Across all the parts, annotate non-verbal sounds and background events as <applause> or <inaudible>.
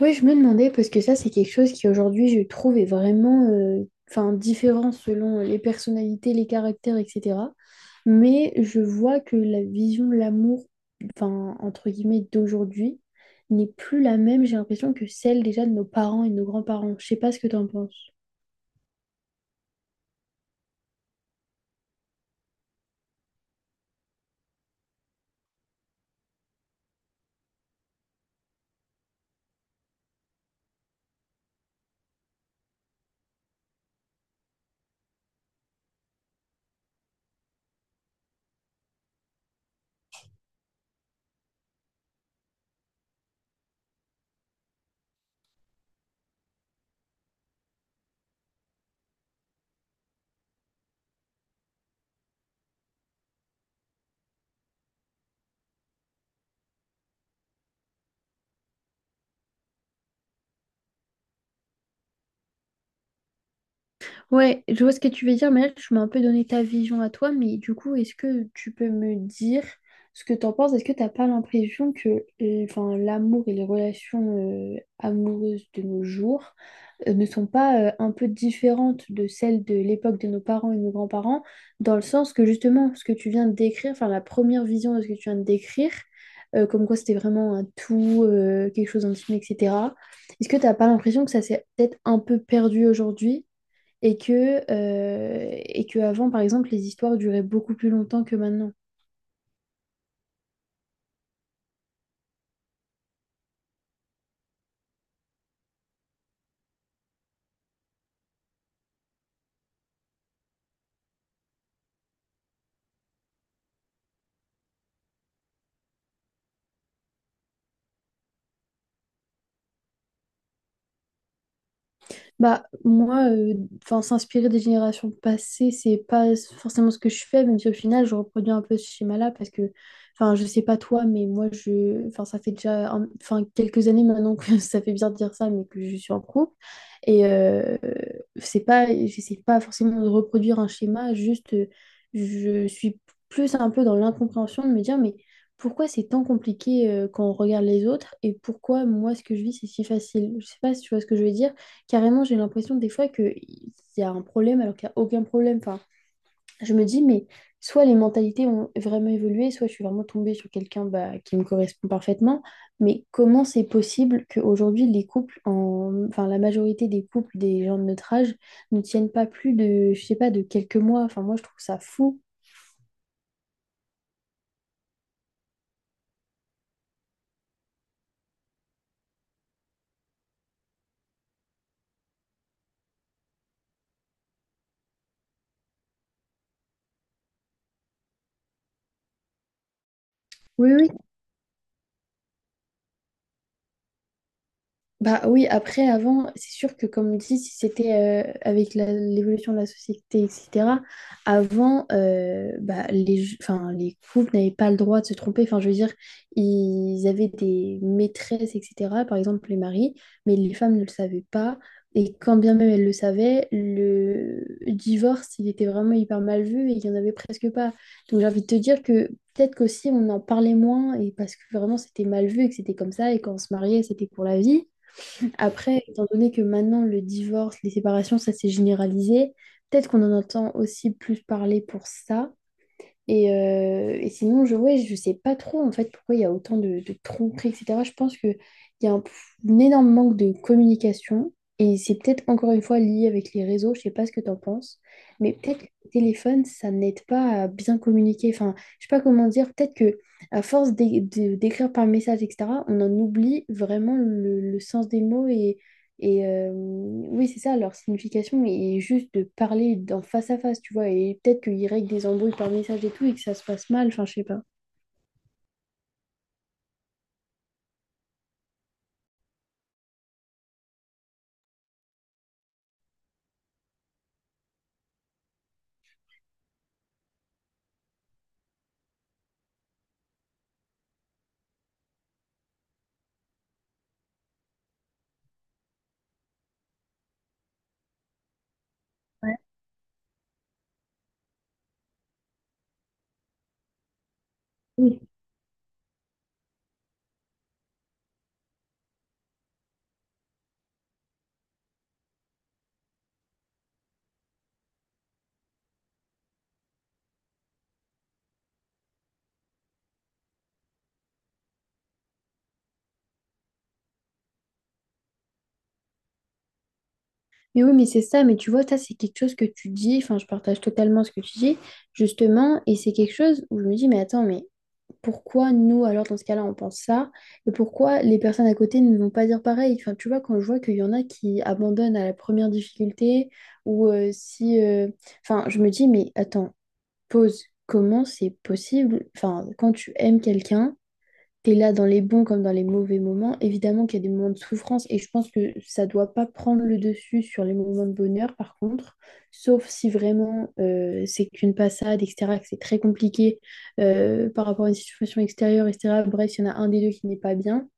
Oui, je me demandais, parce que ça, c'est quelque chose qui aujourd'hui, je trouve, est vraiment enfin, différent selon les personnalités, les caractères, etc. Mais je vois que la vision de l'amour, enfin, entre guillemets, d'aujourd'hui, n'est plus la même, j'ai l'impression, que celle déjà de nos parents et de nos grands-parents. Je sais pas ce que tu en penses. Ouais, je vois ce que tu veux dire, mais là, tu m'as un peu donné ta vision à toi, mais du coup, est-ce que tu peux me dire ce que t'en penses? Est-ce que t'as pas l'impression que enfin, l'amour et les relations amoureuses de nos jours ne sont pas un peu différentes de celles de l'époque de nos parents et nos grands-parents, dans le sens que justement, ce que tu viens de décrire, enfin, la première vision de ce que tu viens de décrire, comme quoi c'était vraiment un tout, quelque chose d'intime, etc. Est-ce que t'as pas l'impression que ça s'est peut-être un peu perdu aujourd'hui? Et que avant, par exemple, les histoires duraient beaucoup plus longtemps que maintenant. Bah, moi, enfin, s'inspirer des générations passées, c'est pas forcément ce que je fais, même si au final, je reproduis un peu ce schéma-là parce que, enfin, je sais pas toi, mais moi, je, enfin, ça fait déjà, enfin, quelques années maintenant que <laughs> ça fait bien de dire ça, mais que je suis en couple. Et c'est pas, j'essaie pas forcément de reproduire un schéma, juste, je suis plus un peu dans l'incompréhension de me dire, mais pourquoi c'est tant compliqué quand on regarde les autres et pourquoi moi, ce que je vis, c'est si facile? Je sais pas si tu vois ce que je veux dire. Carrément, j'ai l'impression des fois qu'il y a un problème alors qu'il n'y a aucun problème. Enfin, je me dis, mais soit les mentalités ont vraiment évolué, soit je suis vraiment tombée sur quelqu'un bah, qui me correspond parfaitement. Mais comment c'est possible qu'aujourd'hui, les couples, enfin, la majorité des couples des gens de notre âge ne tiennent pas plus de, je sais pas, de quelques mois. Enfin, moi, je trouve ça fou. Oui. Bah oui, après, avant, c'est sûr que comme dit, si c'était avec l'évolution de la société, etc., avant, bah, enfin, les couples n'avaient pas le droit de se tromper. Enfin, je veux dire, ils avaient des maîtresses, etc., par exemple les maris, mais les femmes ne le savaient pas. Et quand bien même elles le savaient, le divorce, il était vraiment hyper mal vu et il n'y en avait presque pas. Donc j'ai envie de te dire que peut-être qu'aussi on en parlait moins et parce que vraiment c'était mal vu et que c'était comme ça et quand on se mariait, c'était pour la vie. Après, étant donné que maintenant le divorce, les séparations, ça s'est généralisé, peut-être qu'on en entend aussi plus parler pour ça. Et sinon, ouais, je sais pas trop en fait pourquoi il y a autant de tromperies, etc. Je pense qu'il y a un énorme manque de communication et c'est peut-être encore une fois lié avec les réseaux, je sais pas ce que tu en penses, mais peut-être que le téléphone, ça n'aide pas à bien communiquer. Enfin, je sais pas comment dire, peut-être que à force d'écrire par message, etc., on en oublie vraiment le sens des mots et oui, c'est ça, leur signification est juste de parler en face à face, tu vois, et peut-être qu'ils règlent des embrouilles par message et tout et que ça se passe mal, enfin, je sais pas. Ouais. Oui. Mais oui, mais c'est ça, mais tu vois, ça, c'est quelque chose que tu dis, enfin, je partage totalement ce que tu dis, justement, et c'est quelque chose où je me dis, mais attends, mais pourquoi nous, alors, dans ce cas-là, on pense ça, et pourquoi les personnes à côté ne vont pas dire pareil? Enfin, tu vois, quand je vois qu'il y en a qui abandonnent à la première difficulté, ou si... enfin, je me dis, mais attends, pose comment c'est possible. Enfin, quand tu aimes quelqu'un, t'es là dans les bons comme dans les mauvais moments. Évidemment qu'il y a des moments de souffrance et je pense que ça doit pas prendre le dessus sur les moments de bonheur, par contre. Sauf si vraiment c'est qu'une passade, etc., que c'est très compliqué par rapport à une situation extérieure, etc. Bref, il y en a un des deux qui n'est pas bien.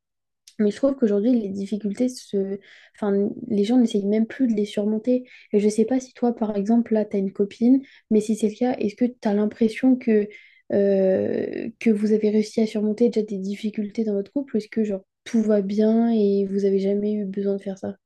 Mais je trouve qu'aujourd'hui, les difficultés enfin, les gens n'essayent même plus de les surmonter. Et je sais pas si toi, par exemple, là, tu as une copine, mais si c'est le cas, est-ce que tu as l'impression que vous avez réussi à surmonter déjà des difficultés dans votre couple? Ou est-ce que, genre, tout va bien et vous avez jamais eu besoin de faire ça?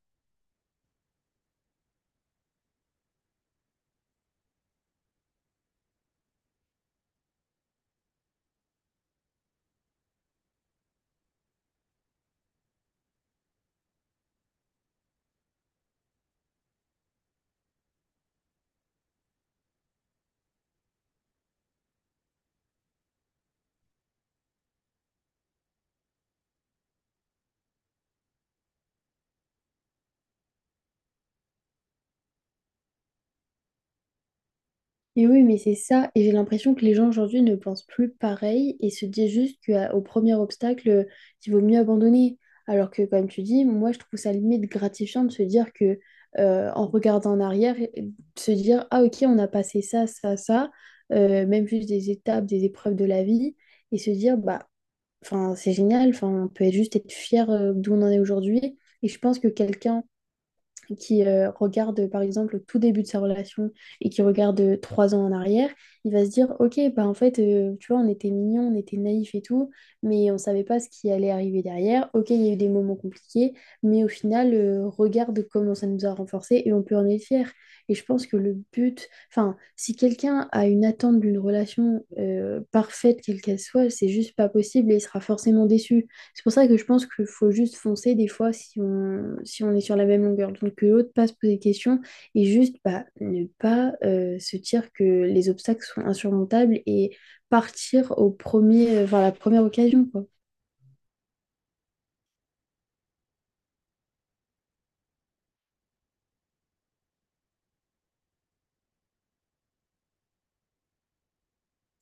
Et oui, mais c'est ça. Et j'ai l'impression que les gens aujourd'hui ne pensent plus pareil et se disent juste qu'au premier obstacle, il vaut mieux abandonner. Alors que, comme tu dis, moi, je trouve ça limite gratifiant de se dire que, en regardant en arrière, et de se dire, ah, ok, on a passé ça, ça, ça, même juste des étapes, des épreuves de la vie, et se dire, bah, enfin, c'est génial, enfin, on peut juste être fier d'où on en est aujourd'hui. Et je pense que quelqu'un qui regarde par exemple le tout début de sa relation et qui regarde 3 ans en arrière, il va se dire, ok, bah en fait, tu vois, on était mignons, on était naïfs et tout, mais on savait pas ce qui allait arriver derrière. Ok, il y a eu des moments compliqués, mais au final, regarde comment ça nous a renforcés et on peut en être fier. Et je pense que le but, enfin, si quelqu'un a une attente d'une relation parfaite, quelle qu'elle soit, c'est juste pas possible et il sera forcément déçu. C'est pour ça que je pense qu'il faut juste foncer des fois si on est sur la même longueur. Donc que l'autre passe poser des questions et juste bah, ne pas se dire que les obstacles sont insurmontables et partir au premier, enfin, la première occasion, quoi.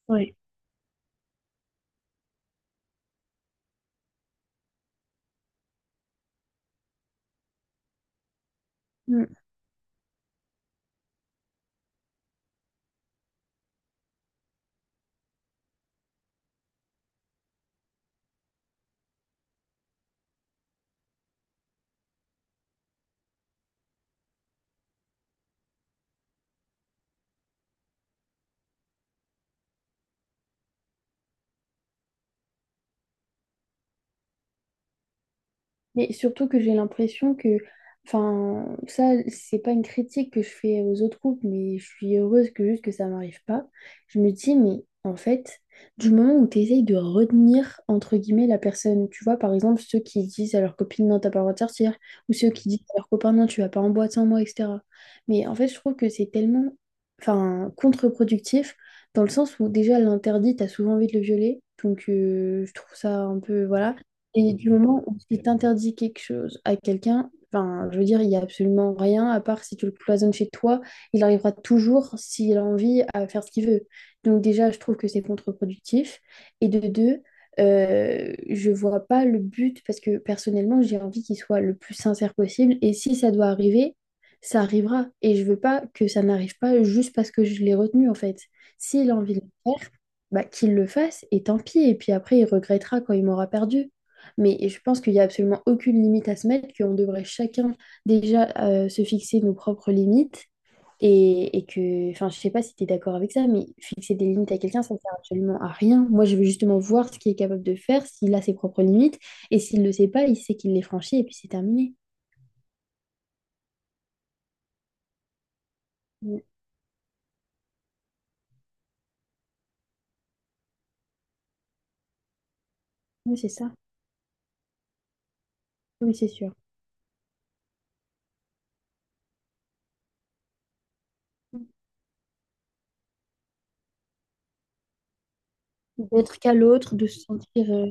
Ouais. Mm. Mais surtout que j'ai l'impression que, enfin, ça, c'est pas une critique que je fais aux autres couples, mais je suis heureuse que juste que ça m'arrive pas. Je me dis, mais en fait, du moment où tu essayes de retenir, entre guillemets, la personne, tu vois, par exemple, ceux qui disent à leur copine, non, t'as pas le droit de sortir, ou ceux qui disent à leur copain, non, tu vas pas en boîte sans moi, etc. Mais en fait, je trouve que c'est tellement, enfin, contre-productif, dans le sens où déjà l'interdit, t'as souvent envie de le violer, donc je trouve ça un peu, voilà. Et du moment où tu t'interdis quelque chose à quelqu'un, enfin, je veux dire, il n'y a absolument rien, à part si tu le cloisonnes chez toi, il arrivera toujours, s'il a envie, à faire ce qu'il veut. Donc déjà, je trouve que c'est contre-productif. Et de deux, je vois pas le but, parce que personnellement, j'ai envie qu'il soit le plus sincère possible. Et si ça doit arriver, ça arrivera. Et je veux pas que ça n'arrive pas juste parce que je l'ai retenu, en fait. S'il a envie de le faire, bah, qu'il le fasse, et tant pis. Et puis après, il regrettera quand il m'aura perdu. Mais je pense qu'il n'y a absolument aucune limite à se mettre, qu'on devrait chacun déjà se fixer nos propres limites. Et que, enfin, je sais pas si tu es d'accord avec ça, mais fixer des limites à quelqu'un, ça ne sert absolument à rien. Moi, je veux justement voir ce qu'il est capable de faire, s'il a ses propres limites. Et s'il ne le sait pas, il sait qu'il les franchit et puis c'est terminé. Oui, oui, c'est ça. Oui, c'est sûr. D'être qu'à l'autre, de se sentir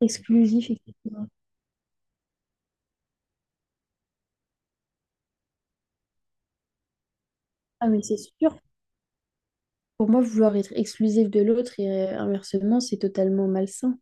exclusif, etc. Ah, mais c'est sûr. Pour moi, vouloir être exclusif de l'autre et inversement, c'est totalement malsain.